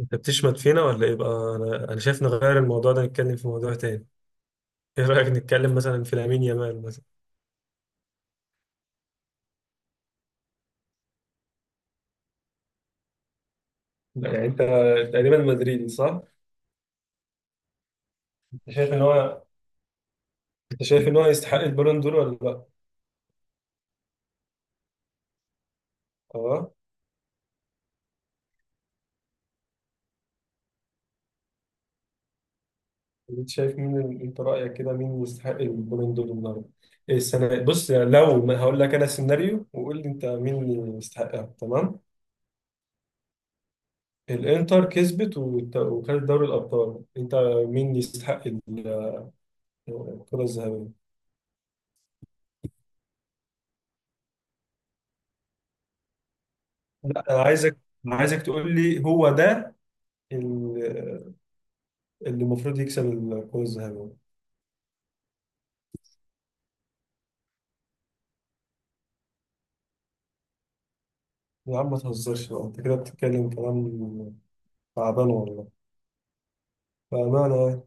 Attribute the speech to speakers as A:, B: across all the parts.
A: انت بتشمت فينا ولا ايه بقى انا شايف نغير الموضوع ده نتكلم في موضوع تاني. ايه رايك نتكلم مثلا في لامين يامال مثلا. لا، يعني انت تقريبا مدريدي صح؟ انت شايف ان هو انت شايف ان هو يستحق البالون دور ولا لا؟ اه. انت شايف مين انت رايك كده مين يستحق البالون دور النهارده؟ ايه السنه. بص يعني لو ما هقول لك انا سيناريو وقول لي انت مين اللي يستحقها تمام؟ الانتر كسبت وخدت دوري الابطال. انت مين يستحق الكره الذهبيه؟ لا انا عايزك تقول لي هو ده ال- اللي المفروض يكسب الكرة الذهبية. يا عم ما تهزرش بقى، انت كده بتتكلم كلام تعبان والله، بأمانة يعني.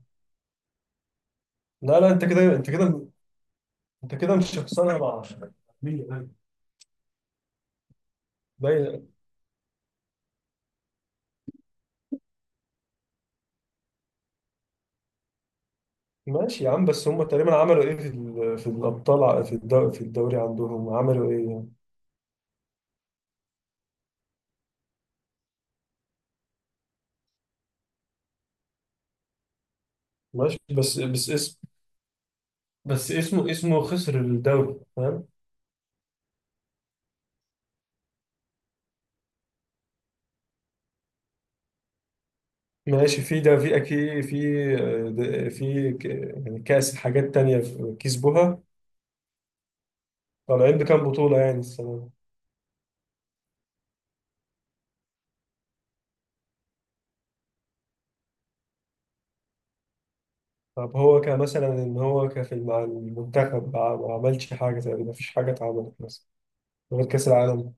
A: لا لا انت كده انت كده مش شخصنها مع مين؟ باين. ماشي يا عم، بس هم تقريبا عملوا ايه في في الابطال في الدوري عندهم عملوا ايه يعني. ماشي بس بس اسمه خسر الدوري فاهم. ماشي في ده في اكيد في في يعني كاس، حاجات تانية في كسبوها. طالعين بكام بطولة يعني السنة دي. طب هو كمثلا ان هو كفي مع المنتخب ما عملش حاجة تقريبا، ما فيش حاجة اتعملت مثلا غير كاس العالم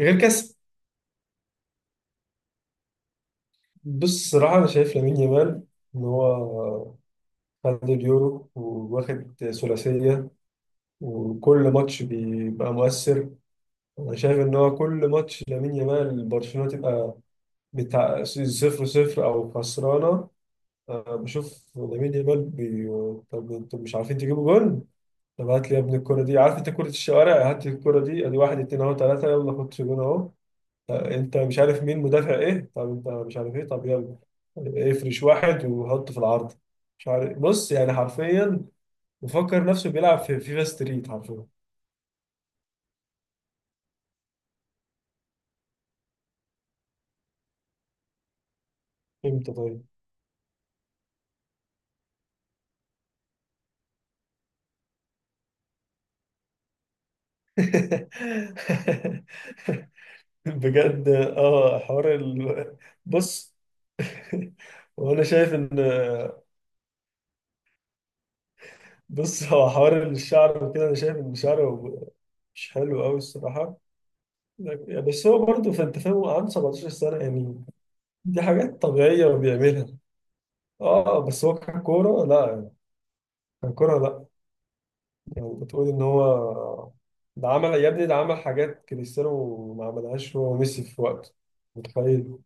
A: غير كاس. بص الصراحة انا شايف لامين يامال ان هو خد اليورو واخد ثلاثية وكل ماتش بيبقى مؤثر. انا شايف ان هو كل ماتش لامين يامال برشلونة تبقى بتاع صفر صفر أو خسرانة. بشوف لامين يامال طب انتوا مش عارفين تجيبوا جول؟ طب هات لي يا ابني الكرة دي، عارف انت كرة الشوارع، هات لي الكرة دي ادي واحد اتنين اهو تلاتة يلا خد جون اهو. انت مش عارف مين مدافع ايه، طب انت مش عارف ايه، طب يلا افرش واحد وحطه في العارضة. مش عارف، بص يعني حرفيا مفكر نفسه بيلعب في فيفا ستريت حرفيا. امتى طيب. بجد اه حوار بص وانا شايف ان هو حوار الشعر وكده، انا شايف ان شعره مش حلو قوي الصراحه. بس هو برضه، فانت فاهم هو عنده 17 سنه يعني، دي حاجات طبيعيه وبيعملها. اه بس هو ككوره لا يعني، ككوره لا. يعني بتقول ان هو ده عمل يا ابني، ده عمل حاجات كريستيانو ما عملهاش هو وميسي في وقته، متخيل.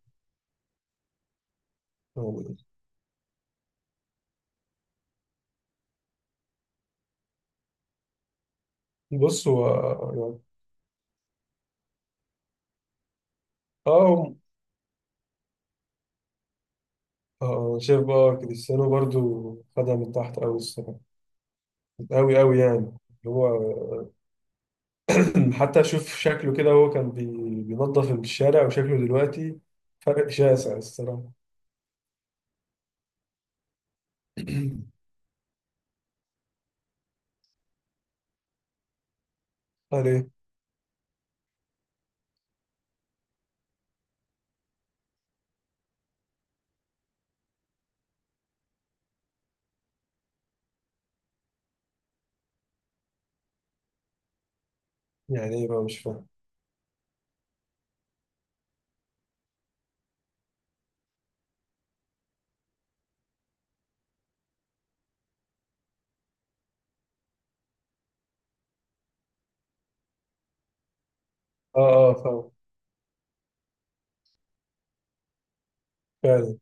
A: بص هو يعني اه شايف بقى كريستيانو برضه خدها من تحت قوي الصراحه، أوي أوي يعني. اللي هو حتى أشوف شكله كده هو كان بينظف الشارع، وشكله دلوقتي فرق شاسع الصراحة. قال إيه؟ يعني إيه بقى، مش فاهم. آه فاهم. فعلا.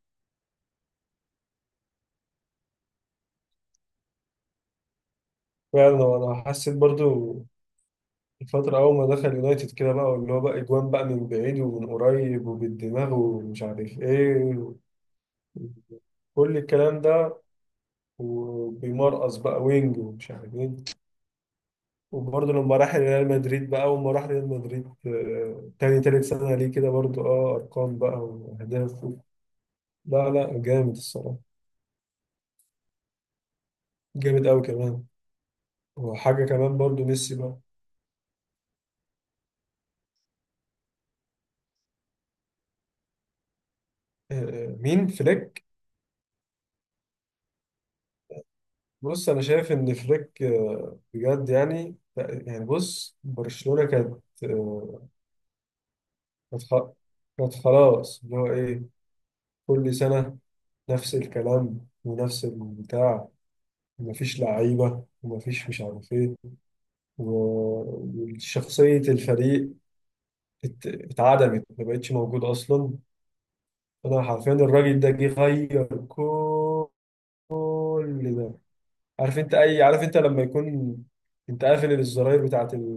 A: فعلا، وأنا حسيت برضو الفترة أول ما دخل يونايتد كده بقى، واللي هو بقى أجوان بقى من بعيد ومن قريب وبالدماغ ومش عارف إيه، كل الكلام ده، وبيمرقص بقى وينج ومش عارف إيه. وبرضه لما راح ريال مدريد، بقى أول ما راح ريال مدريد تاني تالت سنة ليه كده برضه اه أرقام بقى وأهداف لا لا جامد الصراحة، جامد أوي كمان. وحاجة كمان برضه ميسي بقى. آه، مين فليك؟ بص أنا شايف إن فليك بجد يعني، بص برشلونة كانت كانت خ- كانت خلاص اللي هو إيه، كل سنة نفس الكلام ونفس البتاع، ومفيش لعيبة ومفيش مش عارف إيه، وشخصية الفريق اتعدمت، ما بقتش موجود أصلا. أنا حرفيا الراجل ده جه غير كل ده. عارف أنت أي عارف أنت لما يكون أنت قافل الزراير بتاعة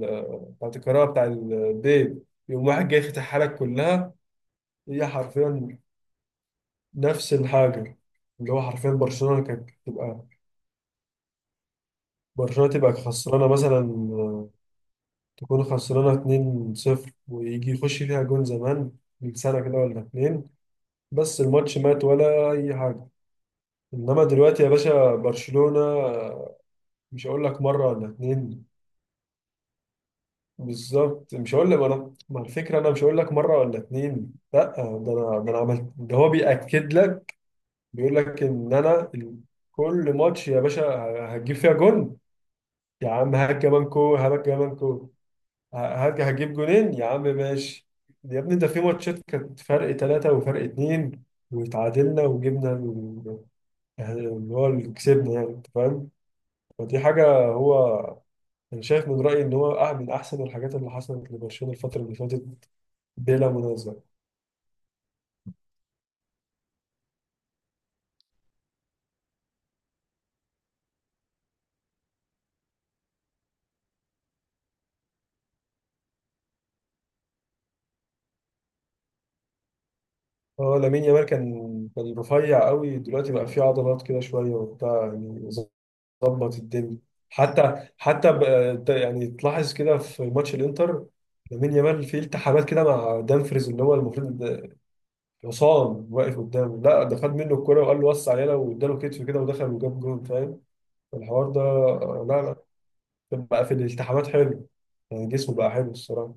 A: بتاعة الكهرباء بتاع البيت، يقوم واحد جاي يفتحها لك كلها. هي حرفيا نفس الحاجة. اللي هو حرفيا برشلونة كانت تبقى، برشلونة تبقى خسرانة مثلا، تكون خسرانة 2-0 ويجي يخش فيها جون زمان من سنة كده ولا اتنين، بس الماتش مات ولا اي حاجه. انما دلوقتي يا باشا برشلونه، مش هقول لك مره ولا اتنين. بالظبط، مش هقول لك انا، ما الفكره انا مش هقول لك مره ولا اتنين لا، ده انا عملت ده، هو بياكد لك، بيقول لك ان انا كل ماتش يا باشا هتجيب فيها جون. يا عم هات كمان كو، هات كمان كو. ه- هات هتجيب جونين يا عم، ماشي. يا ابني ده في ماتشات كانت فرق ثلاثة وفرق اتنين واتعادلنا وجبنا، يعني اللي هو اللي كسبني يعني، انت فاهم. فدي حاجة هو، انا شايف من رأيي ان هو من احسن الحاجات اللي حصلت لبرشلونة الفترة اللي فاتت، بلا منازع. هو لامين يامال كان رفيع قوي، دلوقتي بقى فيه عضلات كده شوية وبتاع يعني، ظبط الدنيا. يعني تلاحظ كده في ماتش الانتر، لامين يامال فيه التحامات كده مع دامفريز، اللي هو المفروض ده حصان واقف قدامه، لا ده خد منه الكرة وقال له وسع علينا واداله كتف كده ودخل وجاب جول، فاهم الحوار ده. لا لا، بقى في الالتحامات حلو يعني، جسمه بقى حلو الصراحة.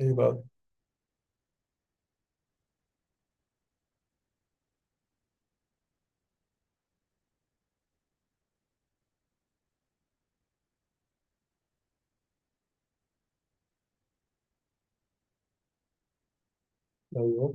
A: ايه بقى. ايوه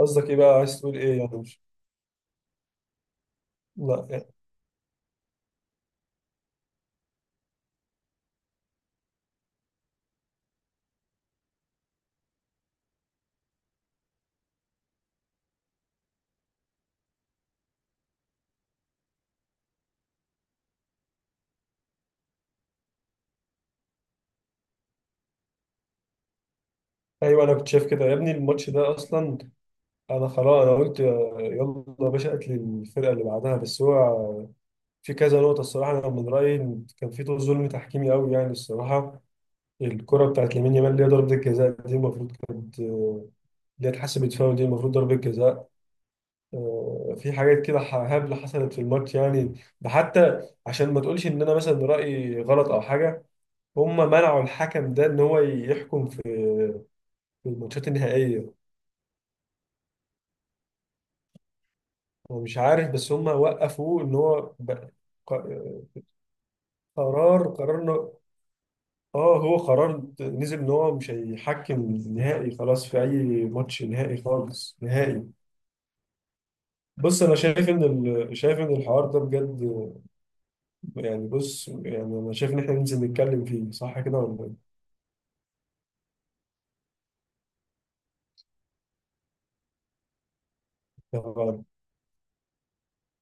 A: قصدك ايه بقى، عايز تقول ايه يعني، مش لا يعني. ايوه انا كنت شايف كده يا ابني، الماتش ده اصلا انا خلاص انا قلت يلا يا باشا قتل الفرقة اللي بعدها، بس هو في كذا نقطة الصراحة، انا من رأيي إن كان في طول ظلم تحكيمي قوي يعني الصراحة. الكرة بتاعت لامين يامال اللي هي ضربة الجزاء دي المفروض كانت اللي هي اتحسبت فاول، دي المفروض ضربة جزاء. في حاجات كده هبلة حصلت في الماتش يعني. ده حتى عشان ما تقولش ان انا مثلا رأيي غلط او حاجة، هم منعوا الحكم ده ان هو يحكم في في الماتشات النهائية. هو مش عارف، بس هم وقفوه ان هو ق- قرار إنه- اه هو قرار نزل ان هو مش هيحكم نهائي، خلاص في اي ماتش نهائي، خالص نهائي. بص انا شايف ان شايف ان الحوار ده بجد يعني، بص يعني انا شايف ان احنا ننزل نتكلم فيه، صح كده ولا إيه؟